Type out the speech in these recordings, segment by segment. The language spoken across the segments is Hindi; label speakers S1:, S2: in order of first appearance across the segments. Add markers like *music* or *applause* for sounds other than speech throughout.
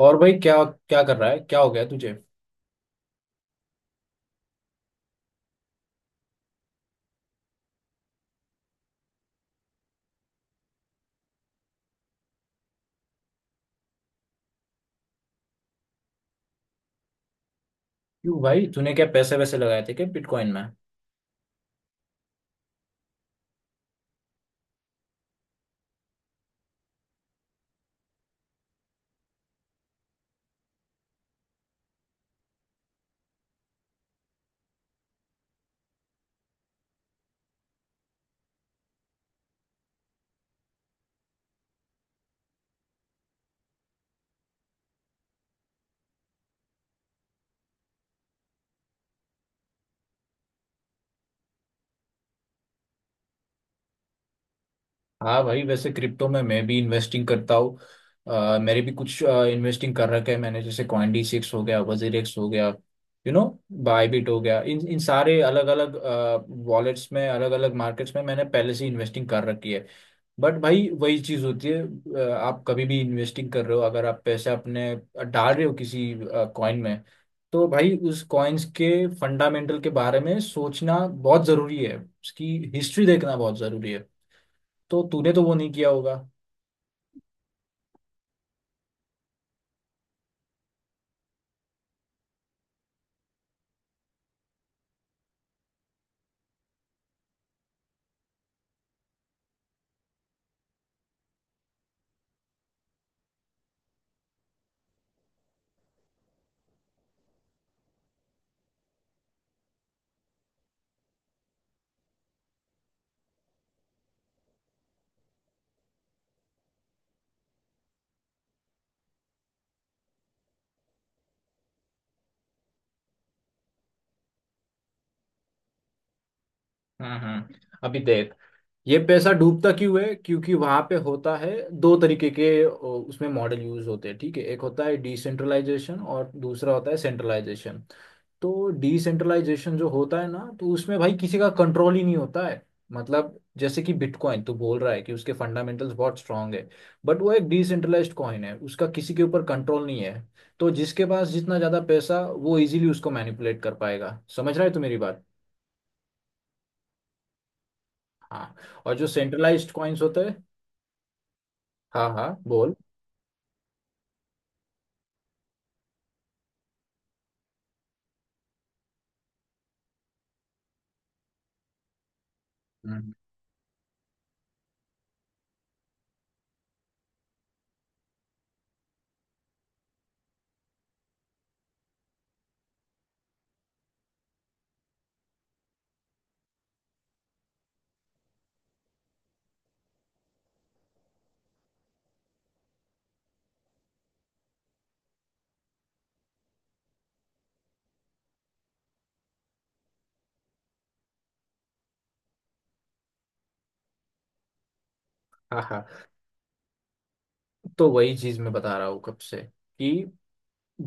S1: और भाई, क्या क्या कर रहा है? क्या हो गया तुझे? क्यों भाई, तूने क्या पैसे वैसे लगाए थे क्या बिटकॉइन में? हाँ भाई, वैसे क्रिप्टो में मैं भी इन्वेस्टिंग करता हूँ। मेरे भी कुछ इन्वेस्टिंग कर रखे है मैंने, जैसे कॉइनडी सिक्स हो गया, वजीरेक्स हो गया, यू नो, बायबिट हो गया। इन इन सारे अलग अलग वॉलेट्स में, अलग अलग मार्केट्स में मैंने पहले से इन्वेस्टिंग कर रखी है। बट भाई, वही चीज होती है। आप कभी भी इन्वेस्टिंग कर रहे हो, अगर आप पैसे अपने डाल रहे हो किसी कॉइन में, तो भाई उस कॉइन्स के फंडामेंटल के बारे में सोचना बहुत जरूरी है, उसकी हिस्ट्री देखना बहुत जरूरी है। तो तूने तो वो नहीं किया होगा। हम्म, हम्म। अभी देख, ये पैसा डूबता क्यों है? क्योंकि वहां पे होता है दो तरीके के, उसमें मॉडल यूज होते हैं। ठीक है, एक होता है डिसेंट्रलाइजेशन और दूसरा होता है सेंट्रलाइजेशन। तो डिसेंट्रलाइजेशन जो होता है ना, तो उसमें भाई किसी का कंट्रोल ही नहीं होता है। मतलब जैसे कि बिटकॉइन, तो बोल रहा है कि उसके फंडामेंटल्स बहुत स्ट्रांग है, बट वो एक डिसेंट्रलाइज्ड कॉइन है, उसका किसी के ऊपर कंट्रोल नहीं है। तो जिसके पास जितना ज़्यादा पैसा, वो इजीली उसको मैनिपुलेट कर पाएगा। समझ रहा है तू मेरी बात? हाँ। और जो सेंट्रलाइज्ड कॉइन्स होते हैं। हाँ हाँ, बोल। हम्म। हाँ हाँ, तो वही चीज़ मैं बता रहा हूँ कब से कि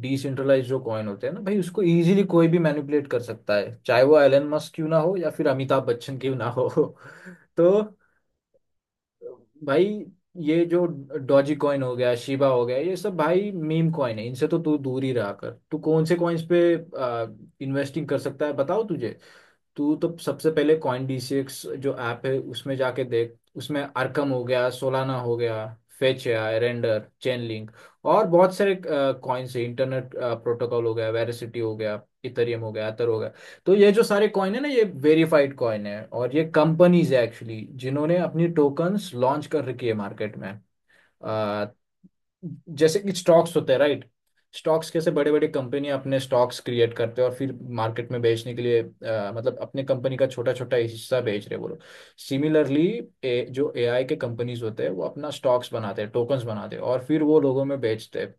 S1: डिसेंट्रलाइज जो कॉइन होते हैं ना भाई, उसको इजीली कोई भी मैनिपुलेट कर सकता है, चाहे वो एलन मस्क क्यों ना हो या फिर अमिताभ बच्चन क्यों ना हो। *laughs* तो भाई, ये जो डॉजी कॉइन हो गया, शिबा हो गया, ये सब भाई मीम कॉइन है। इनसे तो तू दूर ही रहा कर। तू कौन से कॉइन्स पे इन्वेस्टिंग कर सकता है, बताओ तुझे। तू तो सबसे पहले कॉइन डी सिक्स जो ऐप है उसमें जाके देख। उसमें आर्कम हो गया, सोलाना हो गया, फेच है, रेंडर, चेन लिंक और बहुत सारे कॉइन्स है। इंटरनेट प्रोटोकॉल हो गया, वेरासिटी हो गया, इथेरियम हो गया, एथर हो गया। तो ये जो सारे कॉइन है ना, ये वेरीफाइड कॉइन है, और ये कंपनीज है एक्चुअली, जिन्होंने अपनी टोकन्स लॉन्च कर रखी है मार्केट में। आ, जैसे कि स्टॉक्स होते हैं, राइट? स्टॉक्स कैसे बड़े बड़े कंपनी अपने स्टॉक्स क्रिएट करते हैं और फिर मार्केट में बेचने के लिए, मतलब अपने कंपनी का छोटा छोटा हिस्सा बेच रहे हैं वो लोग। सिमिलरली जो एआई के कंपनीज होते हैं, वो अपना स्टॉक्स बनाते हैं, टोकन्स बनाते हैं और फिर वो लोगों में बेचते हैं।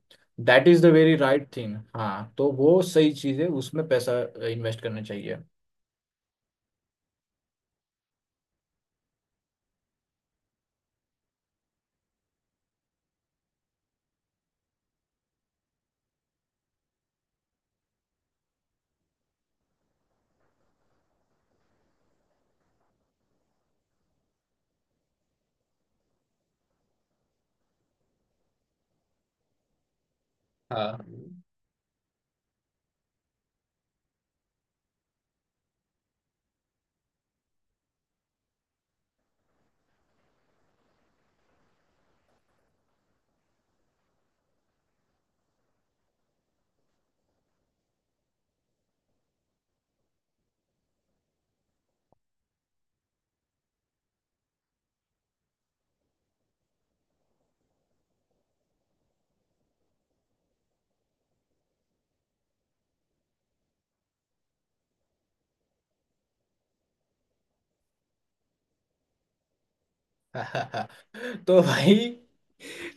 S1: That is the very right thing. हाँ, तो वो सही चीज़ है, उसमें पैसा इन्वेस्ट करना चाहिए। हाँ। *laughs* तो भाई,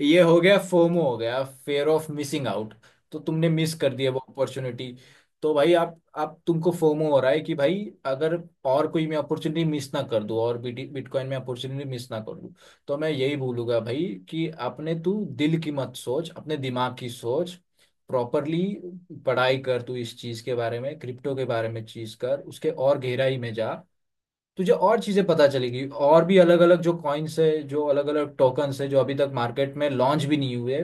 S1: ये हो गया फोमो, हो गया फेयर ऑफ मिसिंग आउट। तो तुमने मिस कर दिया वो अपॉर्चुनिटी। तो भाई, आप तुमको फोमो हो रहा है कि भाई, अगर और कोई मैं अपॉर्चुनिटी मिस ना कर दूं, और बिटकॉइन में अपॉर्चुनिटी मिस ना कर दूं। तो मैं यही बोलूंगा भाई कि अपने तू दिल की मत सोच, अपने दिमाग की सोच। प्रॉपरली पढ़ाई कर तू इस चीज के बारे में, क्रिप्टो के बारे में चीज कर, उसके और गहराई में जा। तुझे और चीजें पता चलेगी, और भी अलग अलग जो कॉइन्स है, जो अलग अलग टोकन्स है जो अभी तक मार्केट में लॉन्च भी नहीं हुए।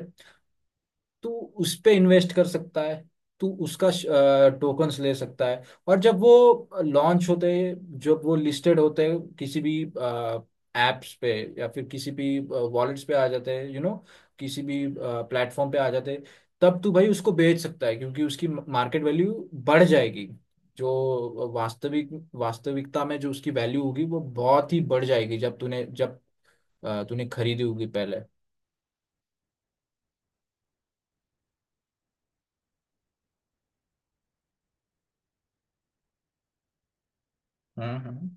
S1: तू उस पे इन्वेस्ट कर सकता है, तू उसका टोकन्स ले सकता है। और जब वो लॉन्च होते हैं, जब वो लिस्टेड होते हैं किसी भी एप्स पे, या फिर किसी भी वॉलेट्स पे आ जाते हैं, यू नो, किसी भी प्लेटफॉर्म पे आ जाते हैं, तब तू भाई उसको बेच सकता है, क्योंकि उसकी मार्केट वैल्यू बढ़ जाएगी। जो वास्तविकता में जो उसकी वैल्यू होगी वो बहुत ही बढ़ जाएगी, जब तूने जब तूने खरीदी होगी पहले। हम्म, हम्म।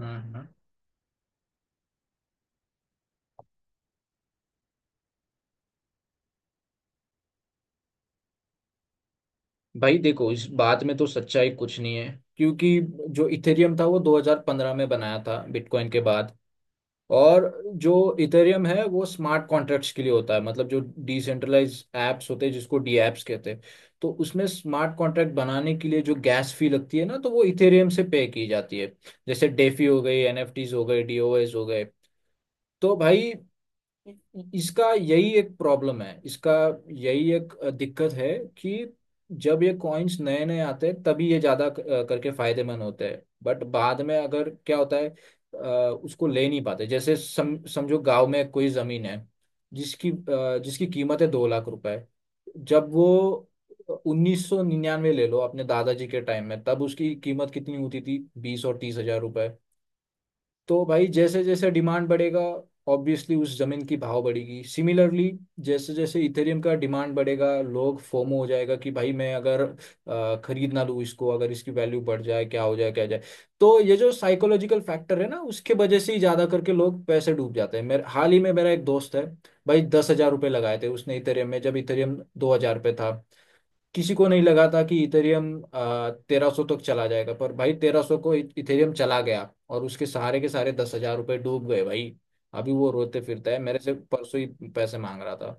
S1: हम्म। भाई देखो, इस बात में तो सच्चाई कुछ नहीं है, क्योंकि जो इथेरियम था वो 2015 में बनाया था बिटकॉइन के बाद। और जो इथेरियम है वो स्मार्ट कॉन्ट्रैक्ट्स के लिए होता है, मतलब जो डिसेंट्रलाइज एप्स होते हैं, जिसको डी एप्स कहते हैं। तो उसमें स्मार्ट कॉन्ट्रैक्ट बनाने के लिए जो गैस फी लगती है ना, तो वो इथेरियम से पे की जाती है। जैसे डेफी हो गई, एनएफटीज हो गए, डीओएस हो गए। तो भाई, इसका यही एक प्रॉब्लम है, इसका यही एक दिक्कत है कि जब ये कॉइन्स नए नए आते हैं तभी ये ज्यादा करके फायदेमंद होते हैं, बट बाद में अगर क्या होता है, अ, उसको ले नहीं पाते। जैसे समझो गांव में कोई जमीन है जिसकी जिसकी कीमत है 2 लाख रुपए। जब वो 1999 ले लो, अपने दादाजी के टाइम में, तब उसकी कीमत कितनी होती थी? 20 और 30 हजार रुपए। तो भाई जैसे जैसे डिमांड बढ़ेगा, ऑब्वियसली उस जमीन की भाव बढ़ेगी। सिमिलरली जैसे जैसे इथेरियम का डिमांड बढ़ेगा, लोग फोमो हो जाएगा कि भाई मैं अगर खरीद ना लूँ इसको, अगर इसकी वैल्यू बढ़ जाए क्या हो जाए क्या हो जाए। तो ये जो साइकोलॉजिकल फैक्टर है ना, उसके वजह से ही ज़्यादा करके लोग पैसे डूब जाते हैं। मेरे हाल ही में मेरा एक दोस्त है भाई, 10 हजार रुपये लगाए थे उसने इथेरियम में, जब इथेरियम 2 हजार रुपये था। किसी को नहीं लगा था कि इथेरियम 1,300 तक चला जाएगा, पर भाई 1,300 को इथेरियम चला गया और उसके सहारे के सारे 10 हजार रुपये डूब गए भाई। अभी वो रोते फिरता है, मेरे से परसों ही पैसे मांग रहा था।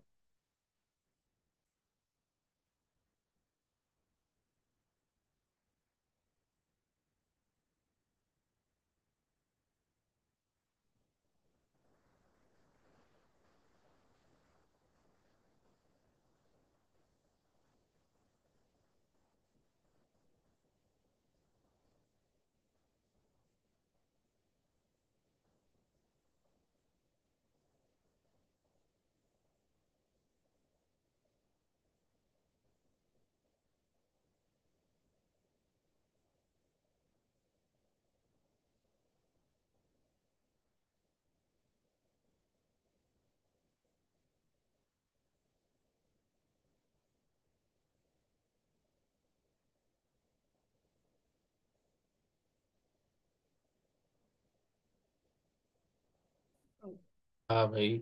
S1: हाँ भाई,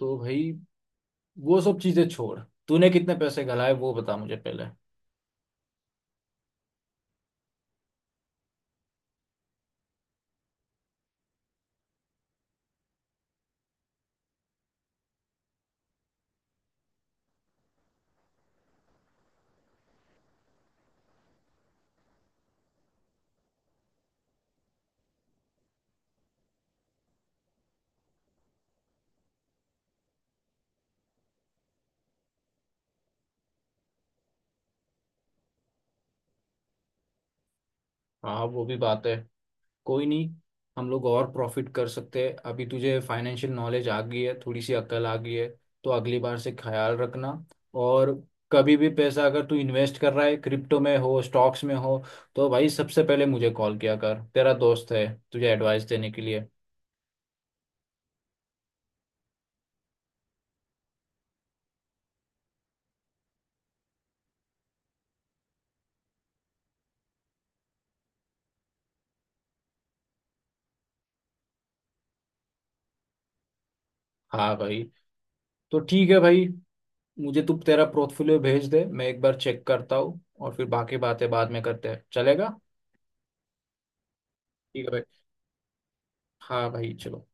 S1: तो भाई वो सब चीजें छोड़, तूने कितने पैसे गलाए वो बता मुझे पहले। हाँ, वो भी बात है। कोई नहीं, हम लोग और प्रॉफिट कर सकते हैं। अभी तुझे फाइनेंशियल नॉलेज आ गई है, थोड़ी सी अकल आ गई है, तो अगली बार से ख्याल रखना। और कभी भी पैसा अगर तू इन्वेस्ट कर रहा है, क्रिप्टो में हो, स्टॉक्स में हो, तो भाई सबसे पहले मुझे कॉल किया कर, तेरा दोस्त है तुझे एडवाइस देने के लिए। हाँ भाई, तो ठीक है भाई, मुझे तू तेरा पोर्टफोलियो भेज दे, मैं एक बार चेक करता हूँ और फिर बाकी बातें बाद में करते हैं, चलेगा? ठीक है भाई। हाँ भाई, चलो।